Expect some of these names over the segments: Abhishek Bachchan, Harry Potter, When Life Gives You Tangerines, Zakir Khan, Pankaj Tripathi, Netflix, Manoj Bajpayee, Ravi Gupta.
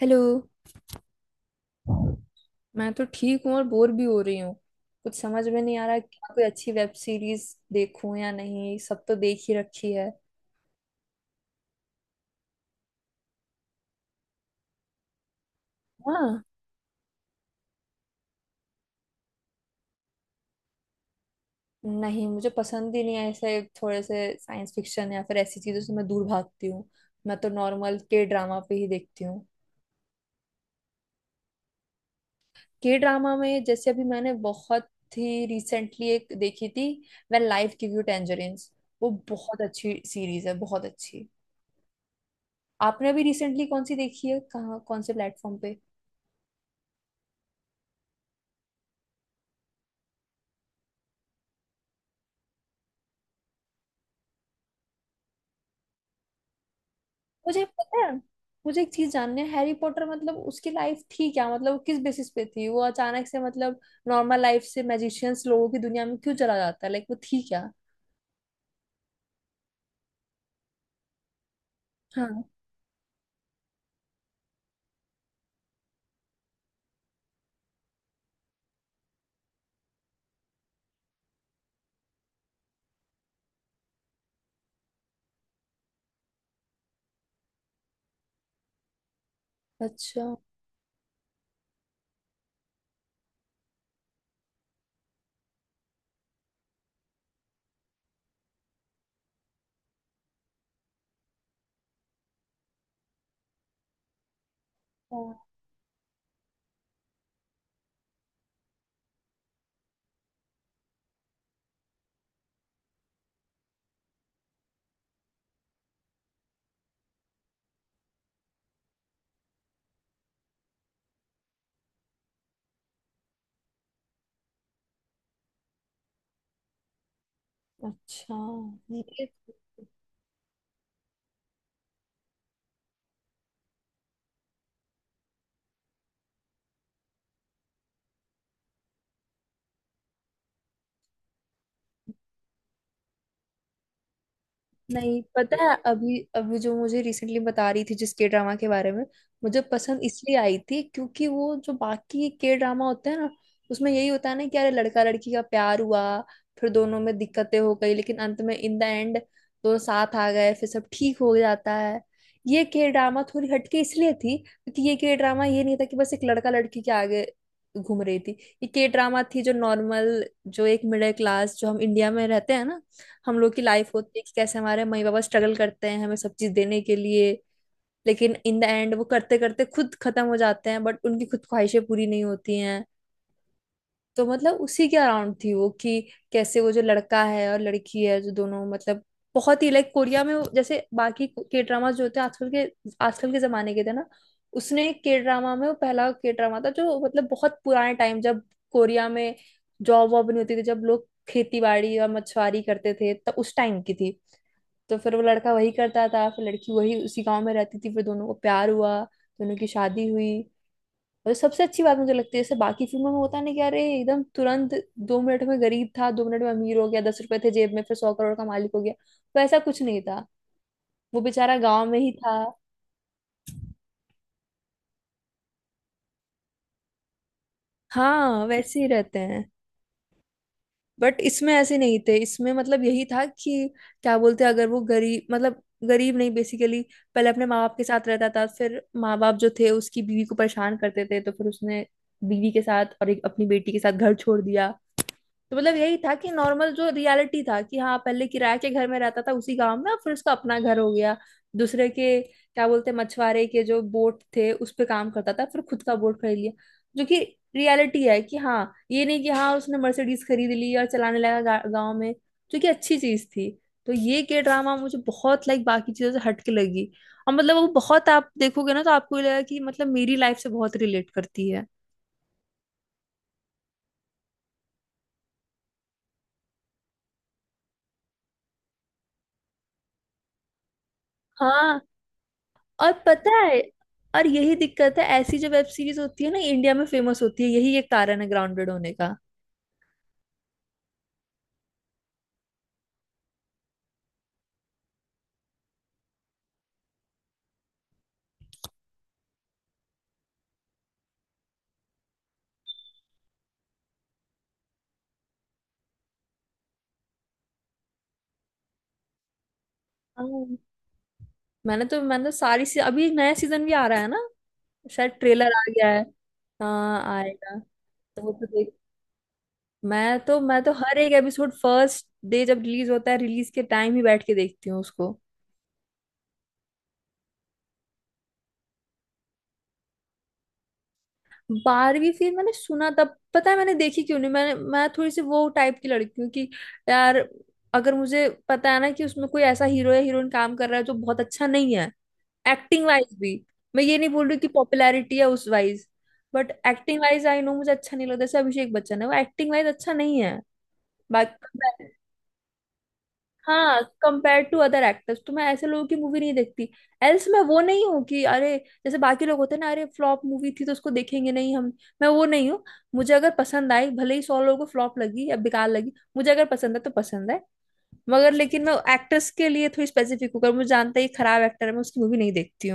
Hello. मैं तो ठीक हूँ और बोर भी हो रही हूँ। कुछ समझ में नहीं आ रहा कि कोई अच्छी वेब सीरीज देखूं या नहीं, सब तो देख ही रखी है। हाँ। नहीं, मुझे पसंद ही नहीं है, ऐसे थोड़े से साइंस फिक्शन या फिर ऐसी चीजों से मैं दूर भागती हूँ। मैं तो नॉर्मल के ड्रामा पे ही देखती हूँ। के ड्रामा में जैसे अभी मैंने बहुत ही रिसेंटली एक देखी थी, when life give you tangerines. वो बहुत अच्छी सीरीज है, बहुत अच्छी। आपने अभी रिसेंटली कौन सी देखी है, कहाँ, कौन से प्लेटफॉर्म पे? मुझे पता है। मुझे एक चीज जाननी है, हैरी पॉटर मतलब उसकी लाइफ थी क्या, मतलब वो किस बेसिस पे थी, वो अचानक से मतलब नॉर्मल लाइफ से मैजिशियंस लोगों की दुनिया में क्यों चला जाता है, लाइक वो थी क्या? हाँ। अच्छा। हाँ, अच्छा। ये नहीं, पता है। अभी अभी जो मुझे रिसेंटली बता रही थी, जिस के ड्रामा के बारे में। मुझे पसंद इसलिए आई थी क्योंकि वो जो बाकी के ड्रामा होते हैं ना, उसमें यही होता है ना कि अरे लड़का लड़की का प्यार हुआ, फिर दोनों में दिक्कतें हो गई, लेकिन अंत में इन द एंड दोनों साथ आ गए, फिर सब ठीक हो जाता है। ये के ड्रामा थोड़ी हटके इसलिए थी क्योंकि ये के ड्रामा ये नहीं था कि बस एक लड़का लड़की के आगे घूम रही थी। ये के ड्रामा थी जो नॉर्मल, जो एक मिडिल क्लास, जो हम इंडिया में रहते हैं ना हम लोग की लाइफ होती है, कि कैसे हमारे मई बाबा स्ट्रगल करते हैं हमें सब चीज देने के लिए। लेकिन इन द एंड वो करते करते खुद खत्म हो जाते हैं, बट उनकी खुद ख्वाहिशें पूरी नहीं होती हैं। तो मतलब उसी के अराउंड थी वो, कि कैसे वो जो लड़का है और लड़की है जो दोनों मतलब बहुत ही लाइक कोरिया में जैसे बाकी के ड्रामा जो होते हैं आजकल के जमाने के थे ना। उसने के ड्रामा में वो पहला के ड्रामा था जो मतलब बहुत पुराने टाइम, जब कोरिया में जॉब वॉब नहीं होती थी, जब लोग खेती बाड़ी और मछुआरी करते थे तब उस टाइम की थी। तो फिर वो लड़का वही करता था, फिर लड़की वही उसी गांव में रहती थी, फिर दोनों को प्यार हुआ, दोनों की शादी हुई। और सबसे अच्छी बात मुझे लगती है, जैसे बाकी फिल्मों में होता नहीं कि अरे एकदम तुरंत 2 मिनट में गरीब था 2 मिनट में अमीर हो गया, 10 रुपए थे जेब में फिर 100 करोड़ का मालिक हो गया। तो ऐसा कुछ नहीं था, वो बेचारा गांव में ही था। हाँ, वैसे ही रहते हैं। बट इसमें ऐसे नहीं थे, इसमें मतलब यही था कि क्या बोलते हैं, अगर वो गरीब मतलब गरीब नहीं, बेसिकली। पहले अपने माँ बाप के साथ रहता था, फिर माँ बाप जो थे उसकी बीवी को परेशान करते थे, तो फिर उसने बीवी के साथ और एक अपनी बेटी के साथ घर छोड़ दिया। तो मतलब यही था कि नॉर्मल जो रियलिटी था कि हाँ, पहले किराए के घर में रहता था उसी गांव में, अब फिर उसका अपना घर हो गया। दूसरे के क्या बोलते हैं, मछुआरे के जो बोट थे उस पे काम करता था, फिर खुद का बोट खरीद लिया, जो कि रियलिटी है कि हाँ ये नहीं कि हाँ उसने मर्सिडीज खरीद ली और चलाने लगा गाँव में। जो कि अच्छी चीज थी। तो ये के ड्रामा मुझे बहुत लाइक बाकी चीजों से हटके लगी। और मतलब वो बहुत, आप देखोगे ना तो आपको ये लगेगा कि मतलब मेरी लाइफ से बहुत रिलेट करती है। हाँ। और पता है, और यही दिक्कत है, ऐसी जो वेब सीरीज होती है ना इंडिया में फेमस होती है, यही एक कारण है ग्राउंडेड होने का। हाँ। मैंने तो अभी एक नया सीजन भी आ रहा है ना। शायद ट्रेलर आ गया है। हाँ, आएगा। तो वो तो देख। मैं तो हर एक एपिसोड फर्स्ट डे जब रिलीज होता है, रिलीज के टाइम ही बैठ के देखती हूँ उसको। बारहवीं फिर मैंने सुना, तब पता है मैंने देखी क्यों नहीं। मैं थोड़ी सी वो टाइप की लड़की हूँ कि यार, अगर मुझे पता है ना कि उसमें कोई ऐसा हीरो या हीरोइन काम कर रहा है जो बहुत अच्छा नहीं है, एक्टिंग वाइज भी। मैं ये नहीं बोल रही कि पॉपुलैरिटी है उस wise, but acting wise I know मुझे अच्छा नहीं लगता। जैसे अभिषेक बच्चन है, वो एक्टिंग वाइज अच्छा नहीं है। बाकी, हाँ, कंपेयर टू अदर एक्टर्स तो मैं ऐसे लोगों की मूवी नहीं देखती। एल्स मैं वो नहीं हूँ कि अरे जैसे बाकी लोग होते हैं ना, अरे फ्लॉप मूवी थी तो उसको देखेंगे नहीं हम। मैं वो नहीं हूँ। मुझे अगर पसंद आई भले ही 100 लोगों को फ्लॉप लगी या बेकार लगी, मुझे अगर पसंद है तो पसंद है। मगर लेकिन मैं एक्टर्स के लिए थोड़ी स्पेसिफिक हूँ, अगर मुझे जानता है ये खराब एक्टर है मैं उसकी मूवी नहीं देखती।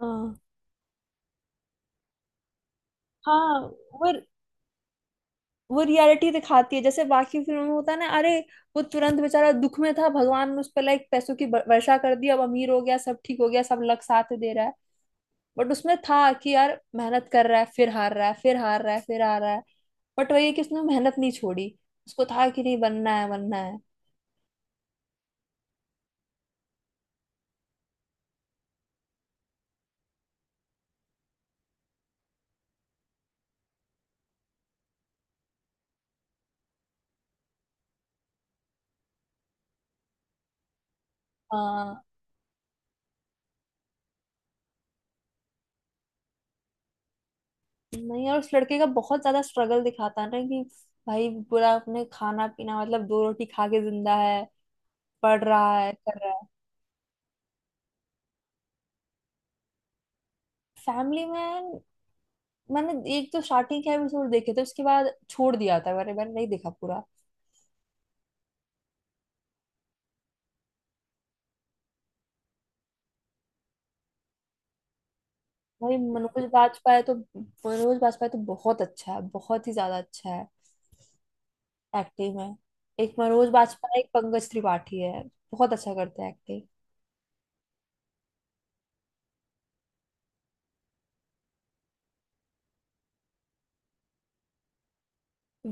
हाँ, हाँ। वो वो रियलिटी दिखाती है, जैसे बाकी फिल्मों में होता है ना, अरे वो तुरंत बेचारा दुख में था, भगवान ने उस पर लाइक पैसों की वर्षा कर दी, अब अमीर हो गया, सब ठीक हो गया, सब लग साथ दे रहा है। बट उसमें था कि यार मेहनत कर रहा है, फिर हार रहा है, फिर हार रहा है, फिर हार रहा है, बट वही है कि उसने मेहनत नहीं छोड़ी। उसको था कि नहीं, बनना है बनना है। हाँ। नहीं, और उस लड़के का बहुत ज्यादा स्ट्रगल दिखाता है ना, कि भाई पूरा अपने खाना पीना मतलब 2 रोटी खा के जिंदा है, पढ़ रहा है, कर रहा है। फैमिली में मैंने एक तो स्टार्टिंग के एपिसोड देखे थे, उसके बाद छोड़ दिया था। मैंने मैंने नहीं देखा पूरा। भाई, मनोज बाजपेयी तो बहुत अच्छा है, बहुत ही ज्यादा अच्छा है एक्टिंग में। एक मनोज बाजपेयी, एक पंकज त्रिपाठी है, बहुत अच्छा करते हैं एक्टिंग।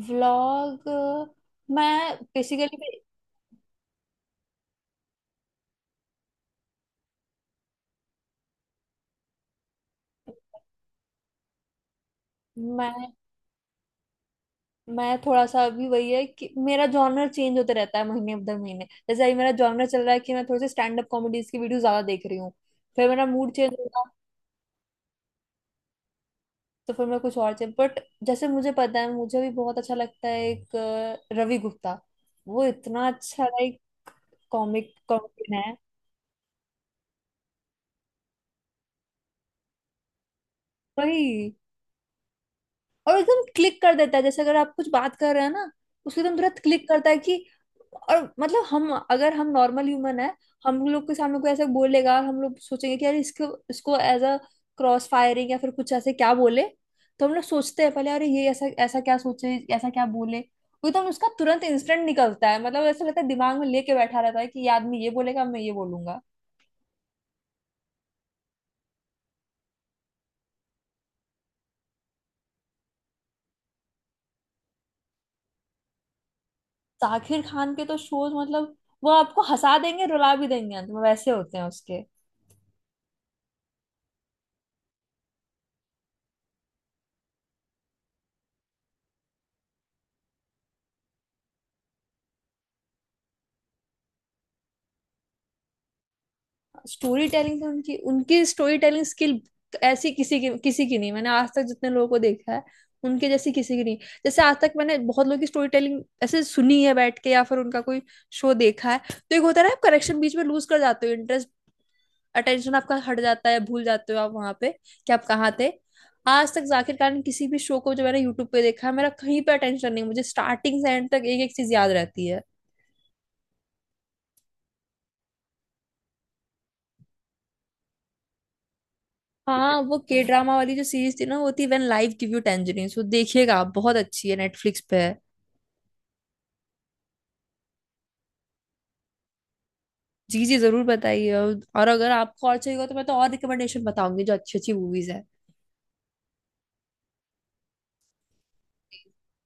व्लॉग। मैं बेसिकली मैं मैं थोड़ा सा अभी वही है कि मेरा जॉनर चेंज होता रहता है महीने दर महीने। जैसे अभी मेरा जॉनर चल रहा है कि मैं थोड़े से स्टैंड अप कॉमेडीज की वीडियो ज्यादा देख रही हूँ। फिर मेरा मूड चेंज होगा, तो फिर मैं कुछ और चेंज। बट जैसे मुझे पता है, मुझे भी बहुत अच्छा लगता है एक रवि गुप्ता। वो इतना अच्छा लाइक कॉमिक कॉमेडियन है, वही। और एकदम क्लिक कर देता है, जैसे अगर आप कुछ बात कर रहे हैं ना, उसको एकदम तुरंत क्लिक करता है कि। और मतलब हम अगर हम नॉर्मल ह्यूमन है, हम लोग के सामने कोई ऐसा बोलेगा हम लोग सोचेंगे कि यार इसको इसको एज अ क्रॉस फायरिंग या फिर कुछ ऐसे क्या बोले। तो हम लोग सोचते हैं पहले अरे ये ऐसा ऐसा क्या सोचे, ऐसा क्या बोले, वो एकदम उसका तुरंत इंस्टेंट निकलता है, मतलब ऐसा लगता है दिमाग में लेके बैठा रहता है कि ये आदमी ये बोलेगा, मैं ये बोलूंगा। जाकिर खान के तो शोज मतलब वो आपको हंसा देंगे, रुला भी देंगे अंत में, वैसे होते हैं उसके। स्टोरी टेलिंग उनकी उनकी स्टोरी टेलिंग स्किल, ऐसी किसी की नहीं, मैंने आज तक जितने लोगों को देखा है उनके जैसी किसी की नहीं। जैसे आज तक मैंने बहुत लोगों की स्टोरी टेलिंग ऐसे सुनी है बैठ के, या फिर उनका कोई शो देखा है, तो एक होता है ना आप करेक्शन बीच में लूज कर जाते हो, इंटरेस्ट। अटेंशन आपका हट जाता है, भूल जाते हो आप वहां पे कि आप कहाँ थे। आज तक जाकिर खान किसी भी शो को जो मैंने यूट्यूब पे देखा है, मेरा कहीं पे अटेंशन नहीं, मुझे स्टार्टिंग से एंड तक एक एक चीज याद रहती है। हाँ, वो के ड्रामा वाली जो सीरीज थी ना, वो थी when life give you tangerines. वो देखिएगा आप, बहुत अच्छी है, नेटफ्लिक्स पे है। जी जी, जरूर बताइए। और अगर आपको और चाहिए होगा तो मैं तो और रिकमेंडेशन बताऊंगी जो अच्छी अच्छी मूवीज है।